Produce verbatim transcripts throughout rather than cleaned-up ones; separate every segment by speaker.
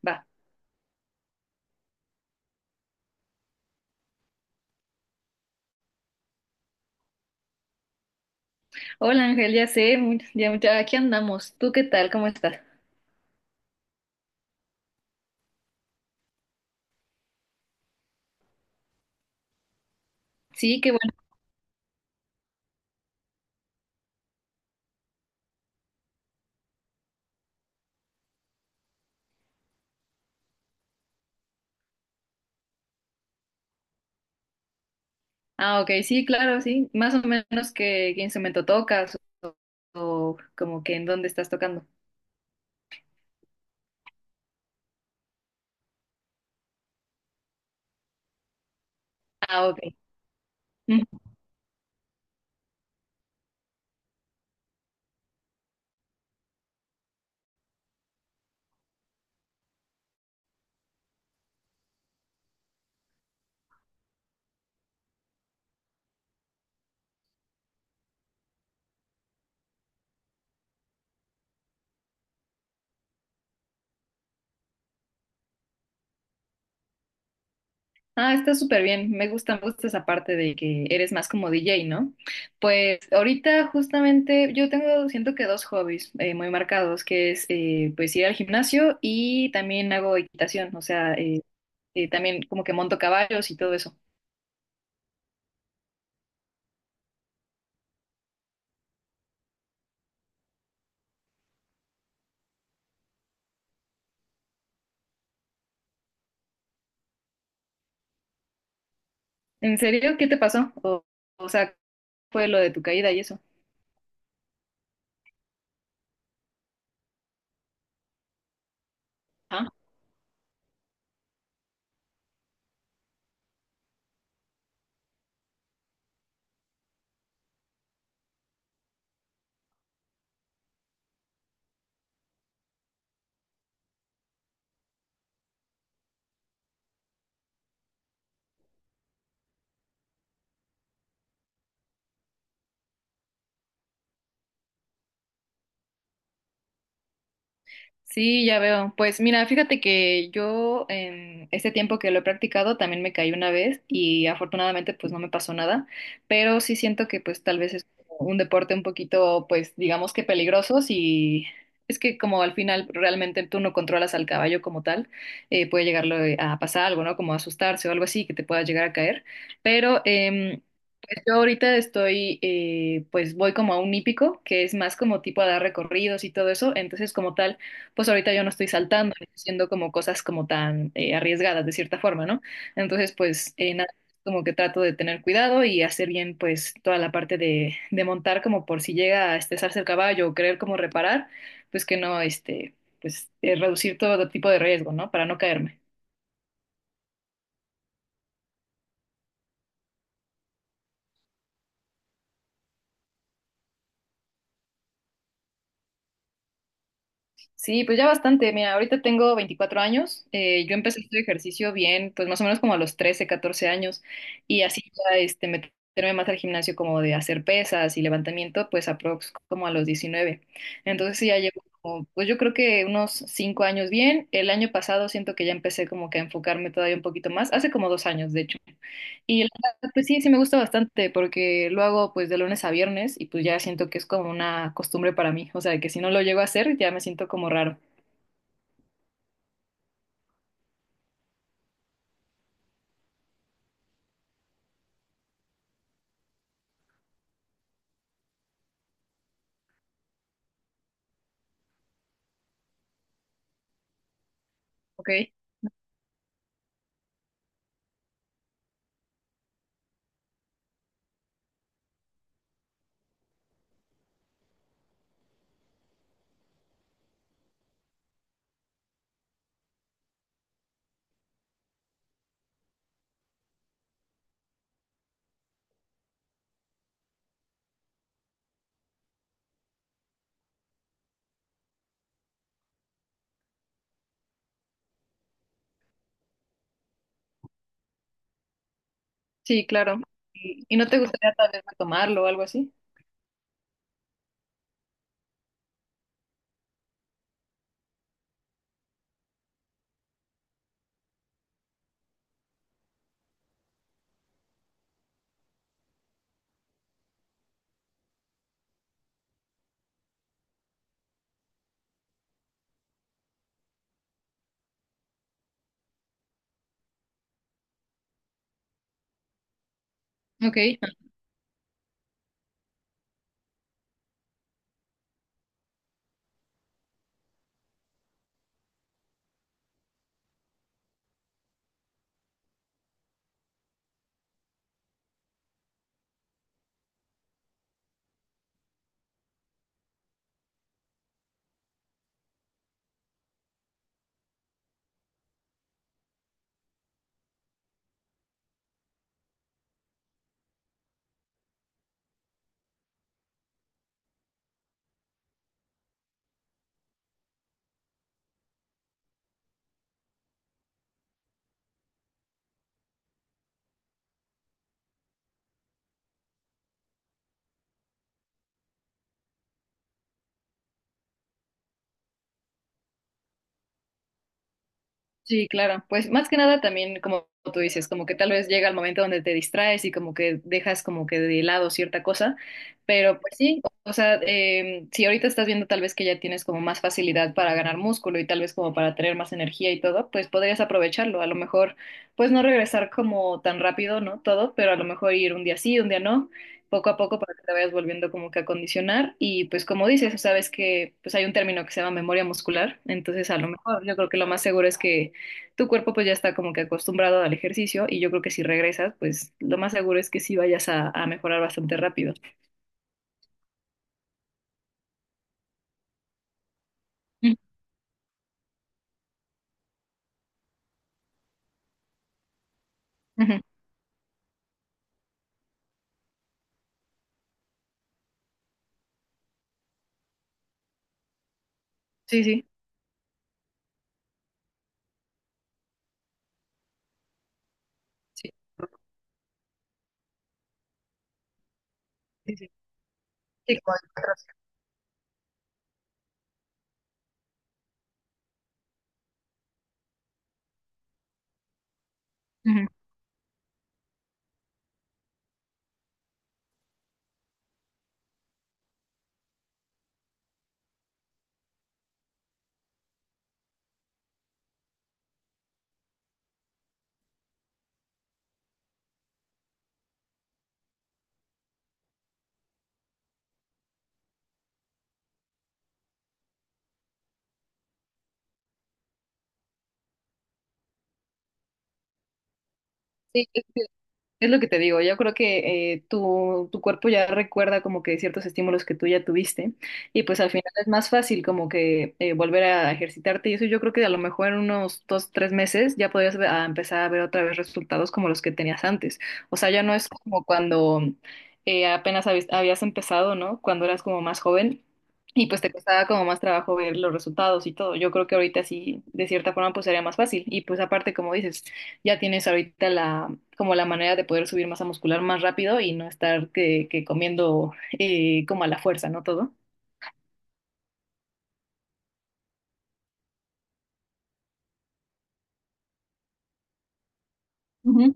Speaker 1: Va. Hola Ángel, ya sé, mu- ya, ya aquí andamos. ¿Tú qué tal? ¿Cómo estás? Sí, qué bueno. Ah, ok, sí, claro, sí. Más o menos qué, qué instrumento tocas o como que en dónde estás tocando. Ah, ok. Ujú. Ah, está súper bien. Me gusta, me gusta esa parte de que eres más como D J, ¿no? Pues ahorita justamente yo tengo, siento que dos hobbies eh, muy marcados, que es eh, pues ir al gimnasio y también hago equitación, o sea, eh, eh, también como que monto caballos y todo eso. ¿En serio? ¿Qué te pasó? O, o sea, ¿fue lo de tu caída y eso? Ajá. Sí, ya veo. Pues mira, fíjate que yo en este tiempo que lo he practicado también me caí una vez y afortunadamente pues no me pasó nada, pero sí siento que pues tal vez es como un deporte un poquito pues digamos que peligroso y es que como al final realmente tú no controlas al caballo como tal, eh, puede llegarlo eh, a pasar algo, ¿no? Como asustarse o algo así que te pueda llegar a caer, pero... em, pues yo ahorita estoy, eh, pues voy como a un hípico, que es más como tipo a dar recorridos y todo eso, entonces como tal pues ahorita yo no estoy saltando, y haciendo como cosas como tan eh, arriesgadas de cierta forma, ¿no? Entonces, pues eh, nada, como que trato de tener cuidado y hacer bien pues toda la parte de, de montar como por si llega a estresarse el caballo o querer como reparar, pues que no, este, pues eh, reducir todo tipo de riesgo, ¿no? Para no caerme. Sí, pues ya bastante. Mira, ahorita tengo veinticuatro años. Eh, yo empecé este ejercicio bien, pues más o menos como a los trece, catorce años. Y así ya este, meterme más al gimnasio como de hacer pesas y levantamiento, pues aprox como a los diecinueve. Entonces sí, ya llevo como, pues yo creo que unos cinco años bien. El año pasado siento que ya empecé como que a enfocarme todavía un poquito más. Hace como dos años, de hecho. Y la verdad, pues sí, sí me gusta bastante porque lo hago pues de lunes a viernes y pues ya siento que es como una costumbre para mí. O sea, que si no lo llego a hacer ya me siento como raro. ¿Ok? Sí, claro. ¿Y, y no te gustaría tal vez retomarlo o algo así? Ok. Sí, claro. Pues más que nada también, como tú dices, como que tal vez llega el momento donde te distraes y como que dejas como que de lado cierta cosa, pero pues sí, o sea, eh, si ahorita estás viendo tal vez que ya tienes como más facilidad para ganar músculo y tal vez como para tener más energía y todo, pues podrías aprovecharlo. A lo mejor, pues no regresar como tan rápido, ¿no? Todo, pero a lo mejor ir un día sí, un día no. Poco a poco para que te vayas volviendo como que a condicionar y pues como dices, sabes que pues hay un término que se llama memoria muscular, entonces a lo mejor yo creo que lo más seguro es que tu cuerpo pues ya está como que acostumbrado al ejercicio y yo creo que si regresas, pues lo más seguro es que sí vayas a, a mejorar bastante rápido. Ujú, ujú. Sí, sí. Sí, sí, sí. Sí, con- otros. Ujú. Sí, es lo que te digo, yo creo que eh, tu, tu cuerpo ya recuerda como que ciertos estímulos que tú ya tuviste y pues al final es más fácil como que eh, volver a ejercitarte y eso yo creo que a lo mejor en unos dos, tres meses ya podrías ve- a empezar a ver otra vez resultados como los que tenías antes. O sea, ya no es como cuando eh, apenas habis- habías empezado, ¿no? Cuando eras como más joven y pues te costaba como más trabajo ver los resultados y todo. Yo creo que ahorita sí, de cierta forma, pues sería más fácil y pues aparte, como dices ya tienes ahorita la, como la manera de poder subir masa muscular más rápido y no estar que, que comiendo eh, como a la fuerza, ¿no? Todo. Ujú.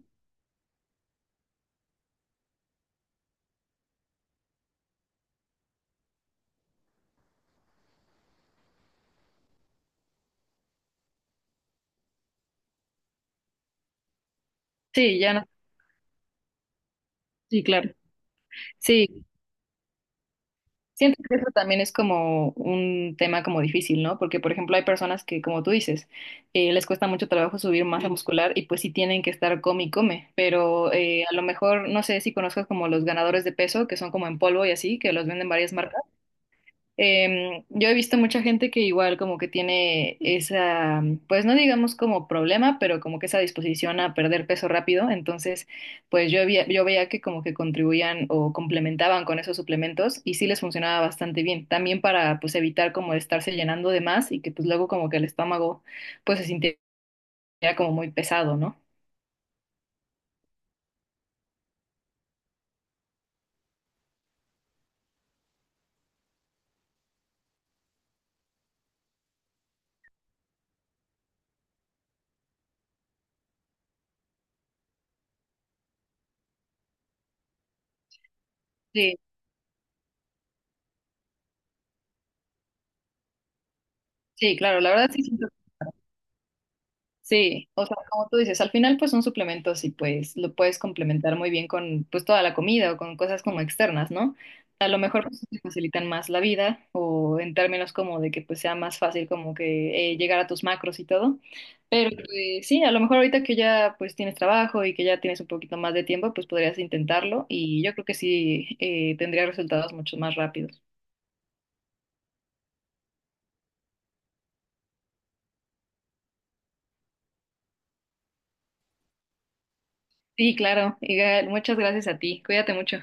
Speaker 1: Sí, ya no. Sí, claro. Sí, siento que eso también es como un tema como difícil, ¿no? Porque, por ejemplo, hay personas que, como tú dices, eh, les cuesta mucho trabajo subir masa muscular y pues sí tienen que estar come y come, pero eh, a lo mejor, no sé si conozcas como los ganadores de peso, que son como en polvo y así, que los venden varias marcas. Em, yo he visto mucha gente que igual como que tiene esa, pues no digamos como problema, pero como que esa disposición a perder peso rápido. Entonces, pues yo, vi- yo veía que como que contribuían o complementaban con esos suplementos y sí les funcionaba bastante bien. También para pues evitar como estarse llenando de más y que pues luego como que el estómago pues se sintiera como muy pesado, ¿no? Sí, sí, claro, la verdad sí. Sí, o sea, como tú dices, al final pues son suplementos y pues lo puedes complementar muy bien con pues toda la comida o con cosas como externas, ¿no? A lo mejor pues te facilitan más la vida o en términos como de que pues sea más fácil como que eh, llegar a tus macros y todo. Pero pues, sí, a lo mejor ahorita que ya pues tienes trabajo y que ya tienes un poquito más de tiempo, pues podrías intentarlo y yo creo que sí eh, tendría resultados mucho más rápidos. Sí, claro. Igal, muchas gracias a ti. Cuídate mucho.